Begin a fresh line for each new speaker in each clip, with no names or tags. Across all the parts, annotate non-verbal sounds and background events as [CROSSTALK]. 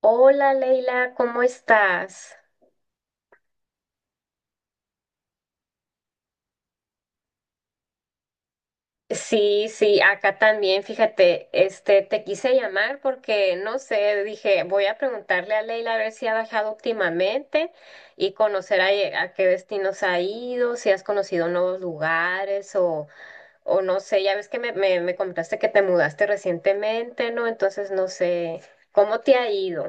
Hola Leila, ¿cómo estás? Sí, sí, acá también, fíjate, te quise llamar porque, no sé, dije, voy a preguntarle a Leila a ver si ha bajado últimamente y conocer a qué destinos ha ido, si has conocido nuevos lugares o no sé, ya ves que me comentaste que te mudaste recientemente, ¿no? Entonces, no sé, ¿cómo te ha ido?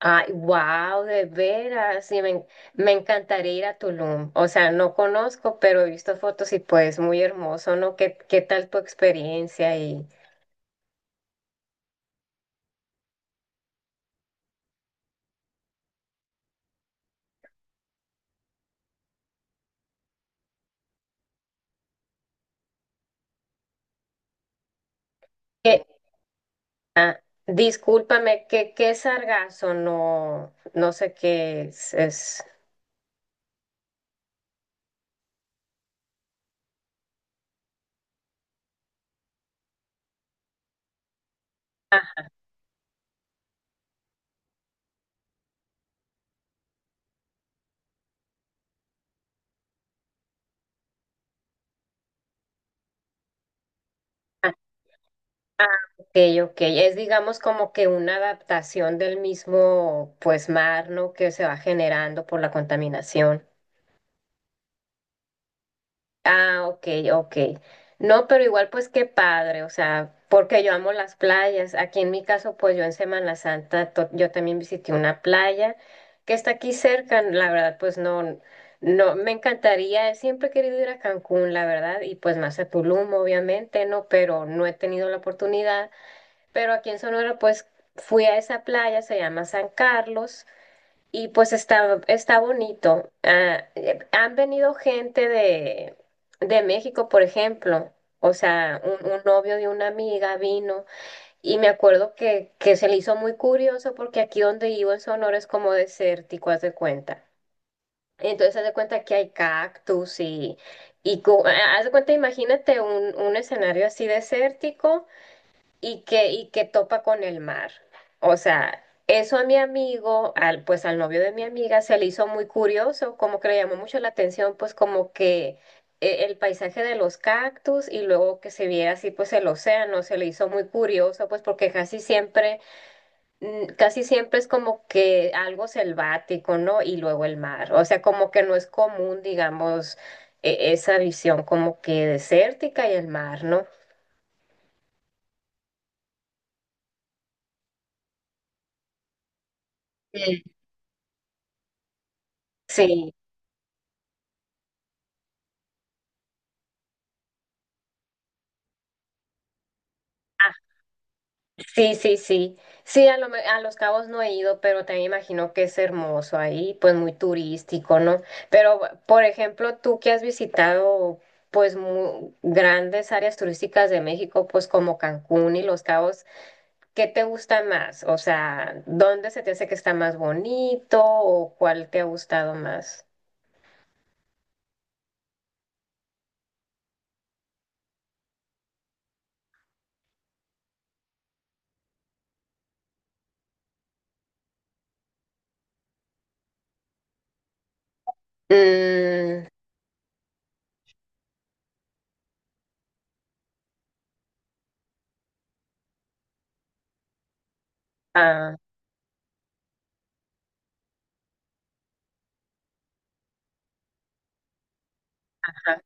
Ay, wow, de veras, sí, me, me encantaría ir a Tulum. O sea, no conozco, pero he visto fotos y pues muy hermoso, ¿no? ¿Qué tal tu experiencia? Y que, discúlpame, ¿qué es sargazo? No, no sé qué es, es. Ah, ok, ok. Es digamos como que una adaptación del mismo pues mar, ¿no? Que se va generando por la contaminación. Ah, ok, ok. No, pero igual pues qué padre, o sea, porque yo amo las playas. Aquí en mi caso, pues yo en Semana Santa, yo también visité una playa que está aquí cerca, la verdad, pues no, no, me encantaría, siempre he querido ir a Cancún, la verdad, y pues más a Tulum, obviamente, ¿no? Pero no he tenido la oportunidad. Pero aquí en Sonora, pues fui a esa playa, se llama San Carlos. Y pues está, está bonito. Ah, han venido gente de México, por ejemplo. O sea, un novio de una amiga vino y me acuerdo que se le hizo muy curioso porque aquí donde vivo en Sonora es como desértico, haz de cuenta. Entonces haz de cuenta que hay cactus y haz de cuenta, imagínate un escenario así desértico y que topa con el mar. O sea, eso a mi amigo, al, pues al novio de mi amiga, se le hizo muy curioso, como que le llamó mucho la atención, pues como que el paisaje de los cactus y luego que se viera así, pues el océano, se le hizo muy curioso, pues porque casi siempre, casi siempre es como que algo selvático, ¿no? Y luego el mar. O sea, como que no es común, digamos, esa visión como que desértica y el mar, ¿no? Sí. Sí. Sí, sí, sí. Sí, a, a Los Cabos no he ido, pero también imagino que es hermoso ahí, pues muy turístico, ¿no? Pero, por ejemplo, tú que has visitado, pues, grandes áreas turísticas de México, pues como Cancún y Los Cabos, ¿qué te gusta más? O sea, ¿dónde se te hace que está más bonito o cuál te ha gustado más? Mm, ah, ajá,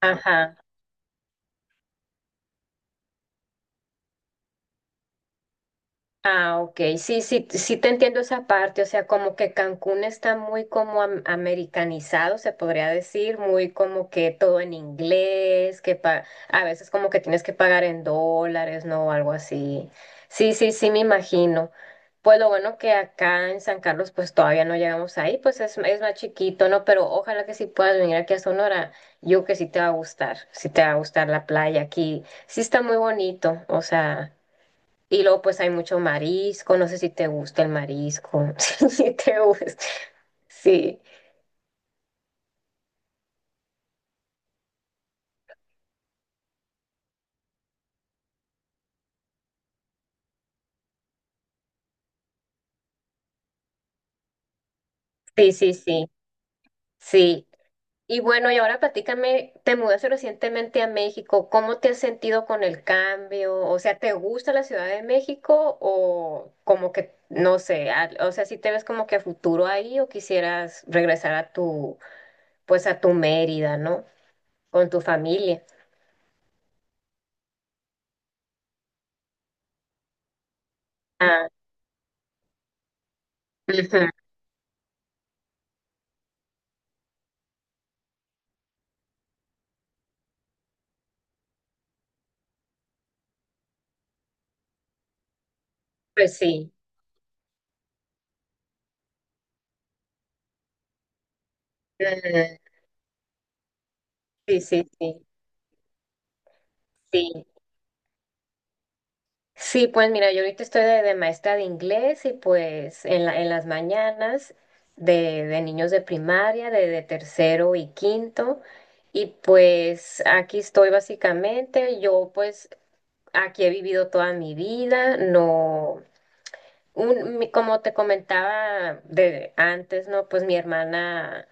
ajá. Ah, ok, sí, sí, sí te entiendo esa parte, o sea, como que Cancún está muy como americanizado, se podría decir, muy como que todo en inglés, a veces como que tienes que pagar en dólares, ¿no? O algo así. Sí, sí, sí, me imagino. Pues lo bueno que acá en San Carlos pues todavía no llegamos ahí, pues es más chiquito, ¿no? Pero ojalá que sí puedas venir aquí a Sonora, yo que sí te va a gustar, sí te va a gustar la playa aquí, sí está muy bonito, o sea... Y luego pues hay mucho marisco, no sé si te gusta el marisco, [LAUGHS] si te gusta. Sí, sí, sí, sí, sí. Y bueno, y ahora platícame, te mudaste recientemente a México, ¿cómo te has sentido con el cambio? O sea, ¿te gusta la Ciudad de México o como que, no sé, o sea, si te ves como que a futuro ahí o quisieras regresar a tu, pues a tu Mérida, ¿no? Con tu familia. Ah, ujú. Pues sí. Ujú. Sí, sí, sí, sí. Sí, pues mira, yo ahorita estoy de maestra de inglés y pues en en las mañanas de niños de primaria, de tercero y quinto, y pues aquí estoy básicamente, yo pues aquí he vivido toda mi vida, no, como te comentaba de antes, ¿no? Pues mi hermana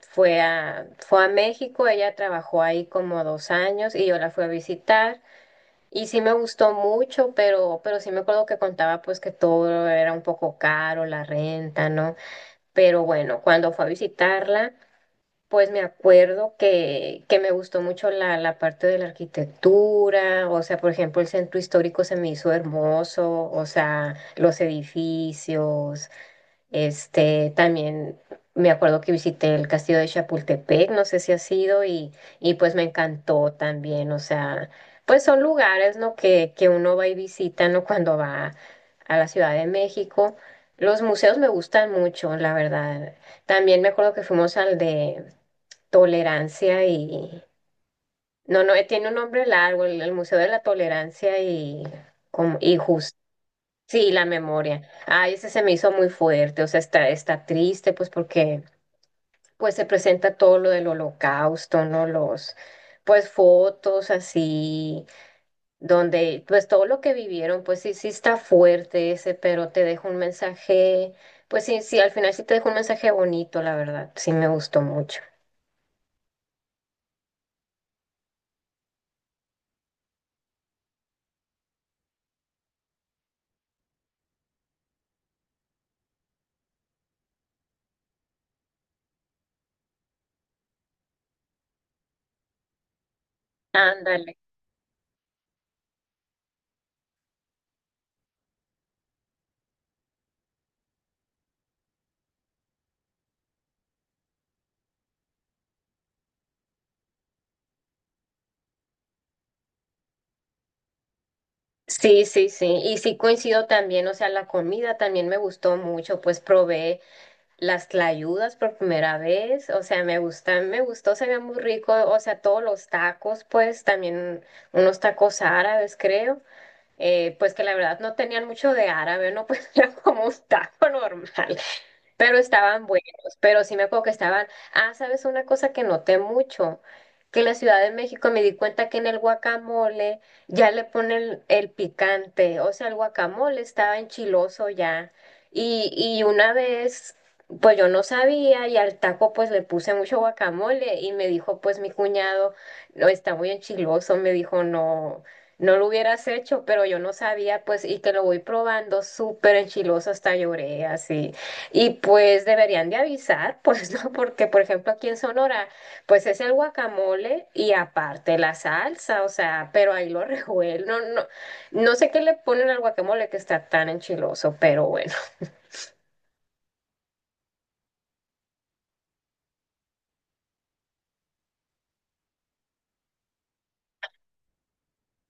fue a, fue a México, ella trabajó ahí como dos años y yo la fui a visitar. Y sí me gustó mucho, pero sí me acuerdo que contaba pues que todo era un poco caro, la renta, ¿no? Pero bueno, cuando fue a visitarla, pues me acuerdo que me gustó mucho la, la parte de la arquitectura, o sea, por ejemplo, el centro histórico se me hizo hermoso, o sea, los edificios, también me acuerdo que visité el Castillo de Chapultepec, no sé si ha sido, y pues me encantó también, o sea, pues son lugares, ¿no? Que uno va y visita, ¿no? cuando va a la Ciudad de México. Los museos me gustan mucho, la verdad. También me acuerdo que fuimos al de Tolerancia y... No, no, tiene un nombre largo, el Museo de la Tolerancia y, como, y sí, la memoria. Ay, ese se me hizo muy fuerte, o sea, está, está triste, pues porque pues se presenta todo lo del Holocausto, ¿no? Los, pues fotos así, donde, pues todo lo que vivieron, pues sí, sí está fuerte ese, pero te dejo un mensaje, pues sí, sí, al final sí te dejo un mensaje bonito, la verdad, sí me gustó mucho. Ándale. Sí, sí, sí. Y sí coincido también, o sea, la comida también me gustó mucho, pues probé. Las tlayudas por primera vez, o sea, me gustan, me gustó, se veía muy rico, o sea, todos los tacos, pues también unos tacos árabes, creo, pues que la verdad no tenían mucho de árabe, no [LAUGHS] pues era como un taco normal, pero estaban buenos, pero sí me acuerdo que estaban, ah, sabes una cosa que noté mucho, que en la Ciudad de México me di cuenta que en el guacamole ya le ponen el picante, o sea, el guacamole estaba enchiloso ya, y una vez... Pues yo no sabía y al taco pues le puse mucho guacamole y me dijo pues mi cuñado, no, está muy enchiloso, me dijo, no, no lo hubieras hecho, pero yo no sabía, pues, y que lo voy probando súper enchiloso, hasta lloré así. Y pues deberían de avisar, pues, [LAUGHS] ¿no? Porque, por ejemplo, aquí en Sonora, pues es el guacamole y aparte la salsa, o sea, pero ahí lo [LAUGHS] revuelven. No, no, no sé qué le ponen al guacamole que está tan enchiloso, pero bueno.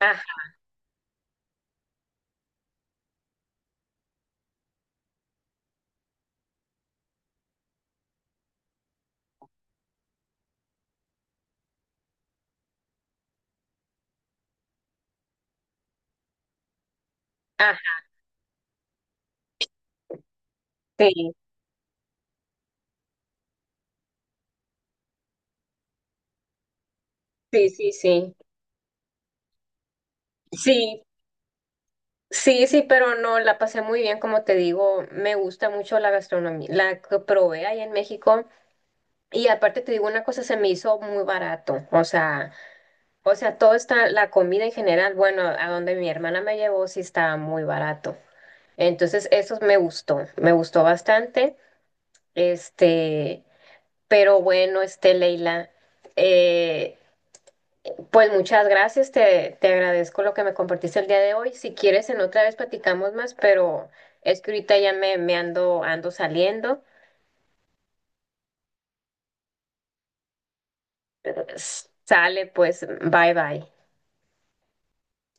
Ajá, ajá, sí, sí, sí, sí. Sí, sí, sí, pero no, la pasé muy bien, como te digo, me gusta mucho la gastronomía, la que probé ahí en México. Y aparte te digo una cosa, se me hizo muy barato. O sea, todo está, la comida en general, bueno, a donde mi hermana me llevó sí estaba muy barato. Entonces, eso me gustó bastante. Este, pero bueno, Leila, eh, pues muchas gracias, te agradezco lo que me compartiste el día de hoy. Si quieres, en otra vez platicamos más, pero es que ahorita ya me ando, ando saliendo. Sale, pues, bye bye.